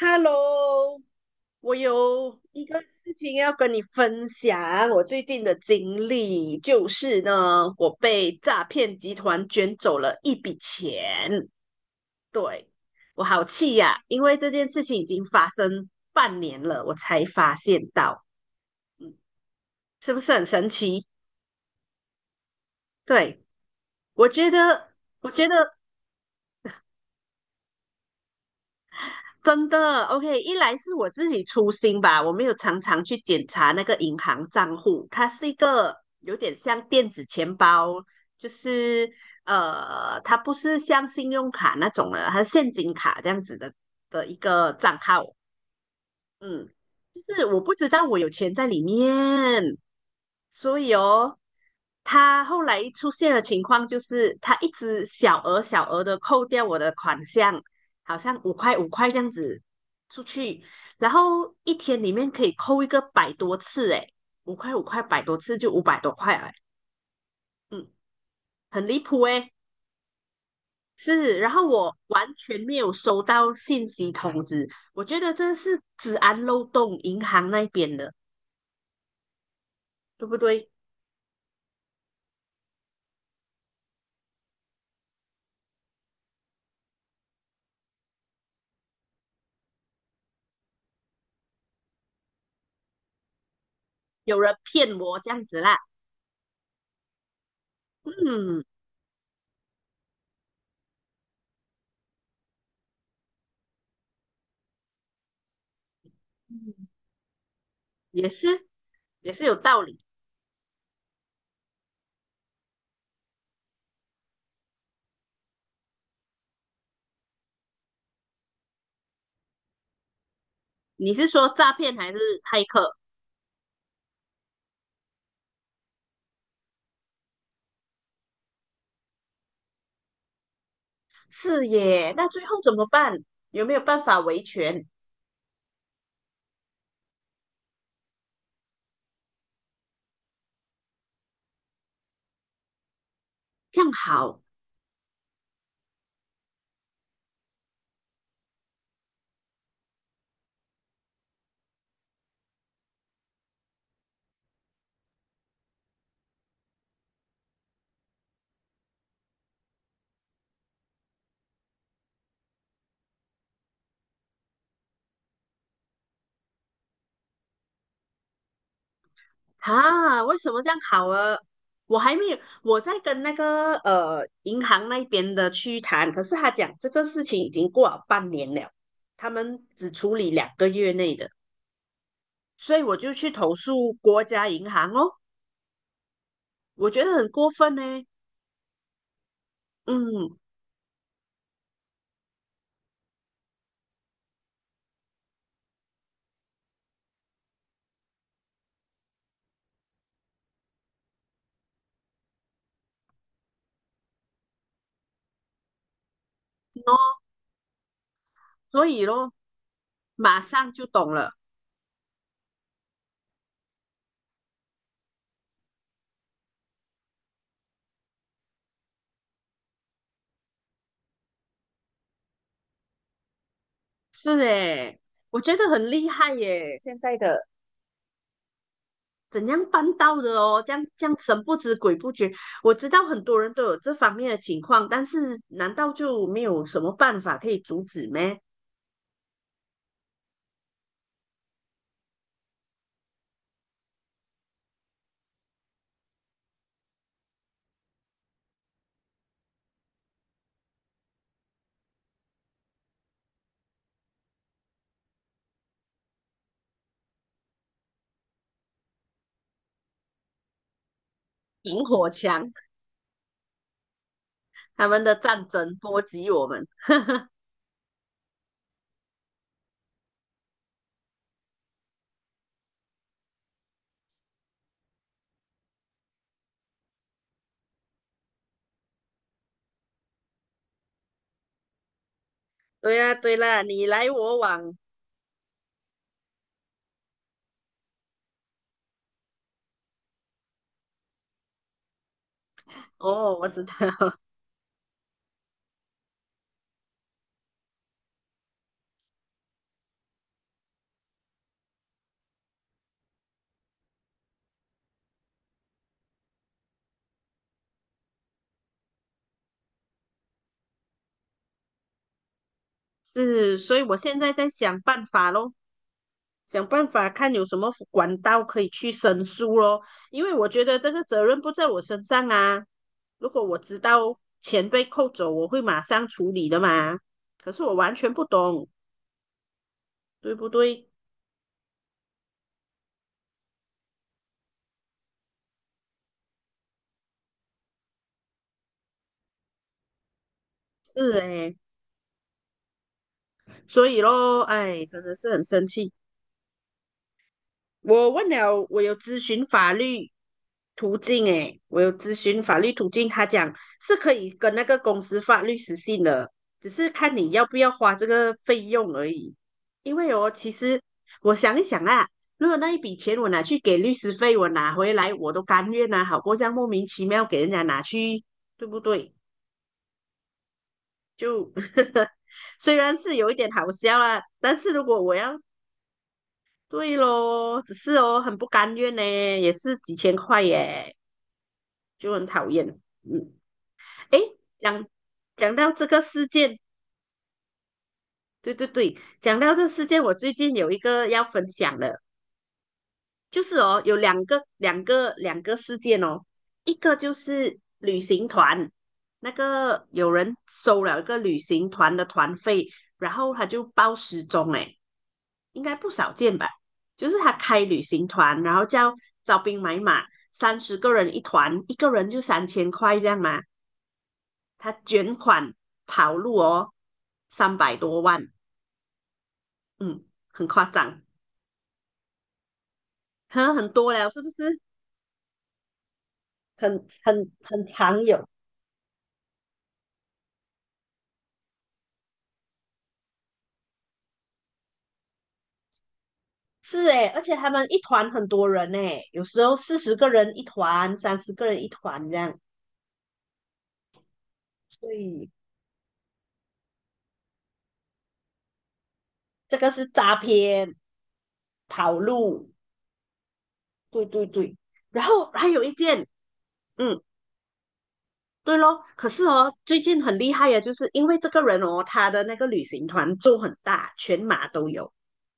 Hello，我有一个事情要跟你分享，我最近的经历就是呢，我被诈骗集团卷走了一笔钱，对，我好气呀，因为这件事情已经发生半年了，我才发现到，嗯，是不是很神奇？对，我觉得，我觉得真的，OK，一来是我自己粗心吧，我没有常常去检查那个银行账户，它是一个有点像电子钱包，就是它不是像信用卡那种的，它是现金卡这样子的一个账号，嗯，就是我不知道我有钱在里面，所以哦，他后来出现的情况就是他一直小额小额的扣掉我的款项，好像五块五块这样子出去，然后一天里面可以扣一个百多次，诶，五块五块百多次就500多块了，嗯，很离谱诶。是，然后我完全没有收到信息通知，我觉得这是治安漏洞，银行那边的，对不对？有人骗我这样子啦。嗯，也是也是有道理。你是说诈骗还是骇客？是耶，那最后怎么办？有没有办法维权？这样好啊？为什么这样好啊？我还没有，我在跟那个银行那边的去谈，可是他讲这个事情已经过了半年了，他们只处理2个月内的，所以我就去投诉国家银行哦，我觉得很过分呢。嗯，所以咯，马上就懂了。是诶，我觉得很厉害耶，现在的怎样办到的哦？这样这样神不知鬼不觉，我知道很多人都有这方面的情况，但是难道就没有什么办法可以阻止咩？萤火墙，他们的战争波及我们。对呀，对啦，你来我往。哦，我知道，是，所以我现在在想办法咯。想办法看有什么管道可以去申诉咯，因为我觉得这个责任不在我身上啊。如果我知道钱被扣走，我会马上处理的嘛。可是我完全不懂，对不对？是诶，所以咯，哎，真的是很生气。我问了，我有咨询法律途径，诶，我有咨询法律途径，他讲是可以跟那个公司法律实行的，只是看你要不要花这个费用而已。因为哦，其实我想一想啊，如果那一笔钱我拿去给律师费，我拿回来我都甘愿啊，好过这样莫名其妙给人家拿去，对不对？就 虽然是有一点好笑啊，但是如果我要对咯，只是哦，很不甘愿呢，也是几千块耶，就很讨厌。嗯，诶，讲讲到这个事件，对对对，讲到这事件，我最近有一个要分享的，就是哦，有两个事件哦，一个就是旅行团，那个有人收了一个旅行团的团费，然后他就报失踪，哎，应该不少见吧？就是他开旅行团，然后叫招兵买马，三十个人一团，一个人就三千块这样嘛，他卷款跑路哦，300多万，嗯，很夸张，很多了，是不是？很很常有。是诶，而且他们一团很多人诶，有时候40个人一团，三十个人一团这样，所以这个是诈骗跑路，对对对。然后还有一件，嗯，对咯。可是哦，最近很厉害呀，就是因为这个人哦，他的那个旅行团做很大，全马都有，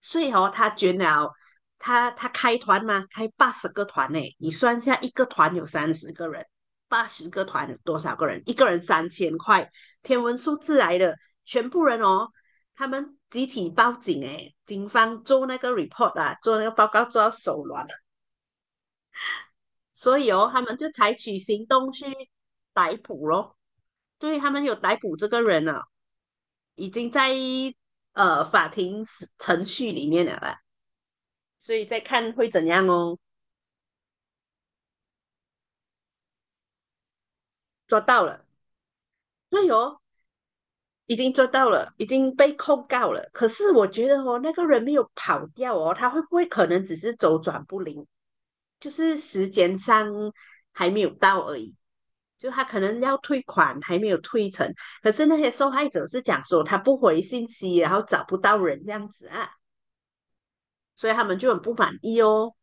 所以哦，他捐了，他开团嘛，开八十个团呢。你算一下，一个团有三十个人，八十个团有多少个人？一个人三千块，天文数字来的，全部人哦，他们集体报警诶，警方做那个 report 啊，做那个报告做到手软了，所以哦，他们就采取行动去逮捕咯。对，他们有逮捕这个人了，已经在法庭程序里面了啦。所以再看会怎样哦。抓到了，哎呦，已经抓到了，已经被控告了。可是我觉得哦，那个人没有跑掉哦，他会不会可能只是周转不灵，就是时间上还没有到而已。就他可能要退款还没有退成，可是那些受害者是讲说他不回信息，然后找不到人这样子啊，所以他们就很不满意哦。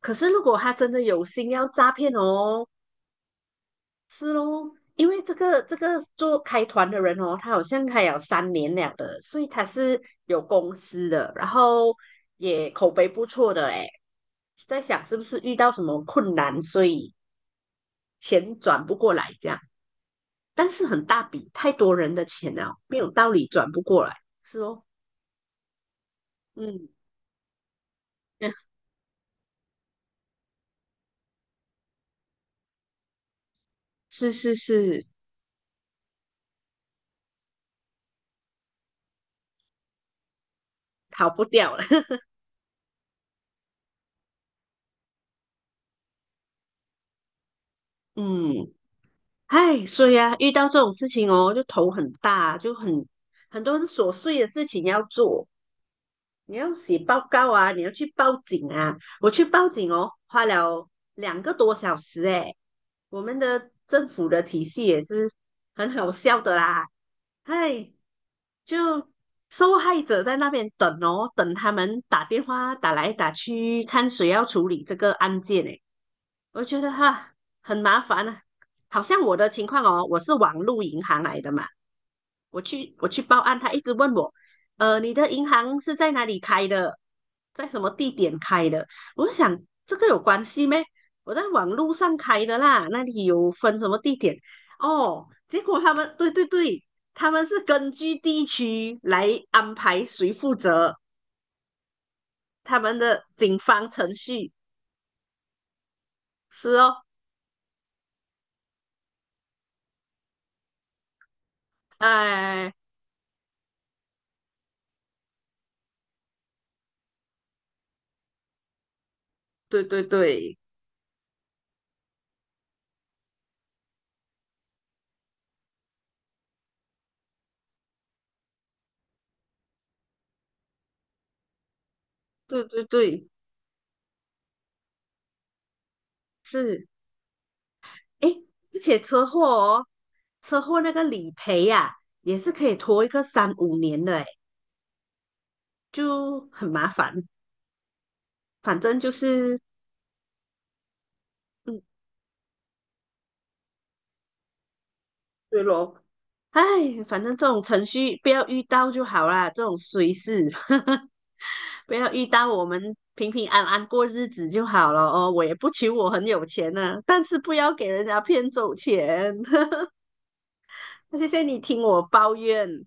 可是如果他真的有心要诈骗哦，是咯，因为这个这个做开团的人哦，他好像开有3年了的，所以他是有公司的，然后也口碑不错的诶，在想是不是遇到什么困难，所以钱转不过来这样，但是很大笔，太多人的钱了，没有道理转不过来，是哦，嗯，是是是，逃不掉了，嗯，唉，所以啊，遇到这种事情哦，就头很大，就很多很琐碎的事情要做。你要写报告啊，你要去报警啊。我去报警哦，花了2个多小时诶。我们的政府的体系也是很好笑的啦，唉，就受害者在那边等哦，等他们打电话打来打去，看谁要处理这个案件诶。我觉得哈很麻烦啊，好像我的情况哦，我是网路银行来的嘛，我去报案，他一直问我，你的银行是在哪里开的，在什么地点开的？我就想这个有关系咩？我在网路上开的啦，那里有分什么地点？哦，结果他们对对对，他们是根据地区来安排谁负责，他们的警方程序是哦，哎，对对对，对对对，是，哎，而且车祸哦，车祸那个理赔呀、也是可以拖一个三五年的，哎，就很麻烦。反正就是，嗯，对咯，哎，反正这种程序不要遇到就好啦，这种衰事，不要遇到，我们平平安安过日子就好了哦。我也不求我很有钱呢、但是不要给人家骗走钱。谢谢你听我抱怨。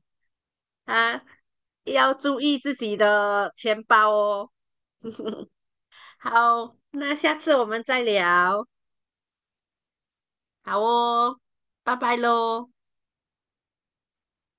啊，要注意自己的钱包哦。好，那下次我们再聊。好哦，拜拜喽。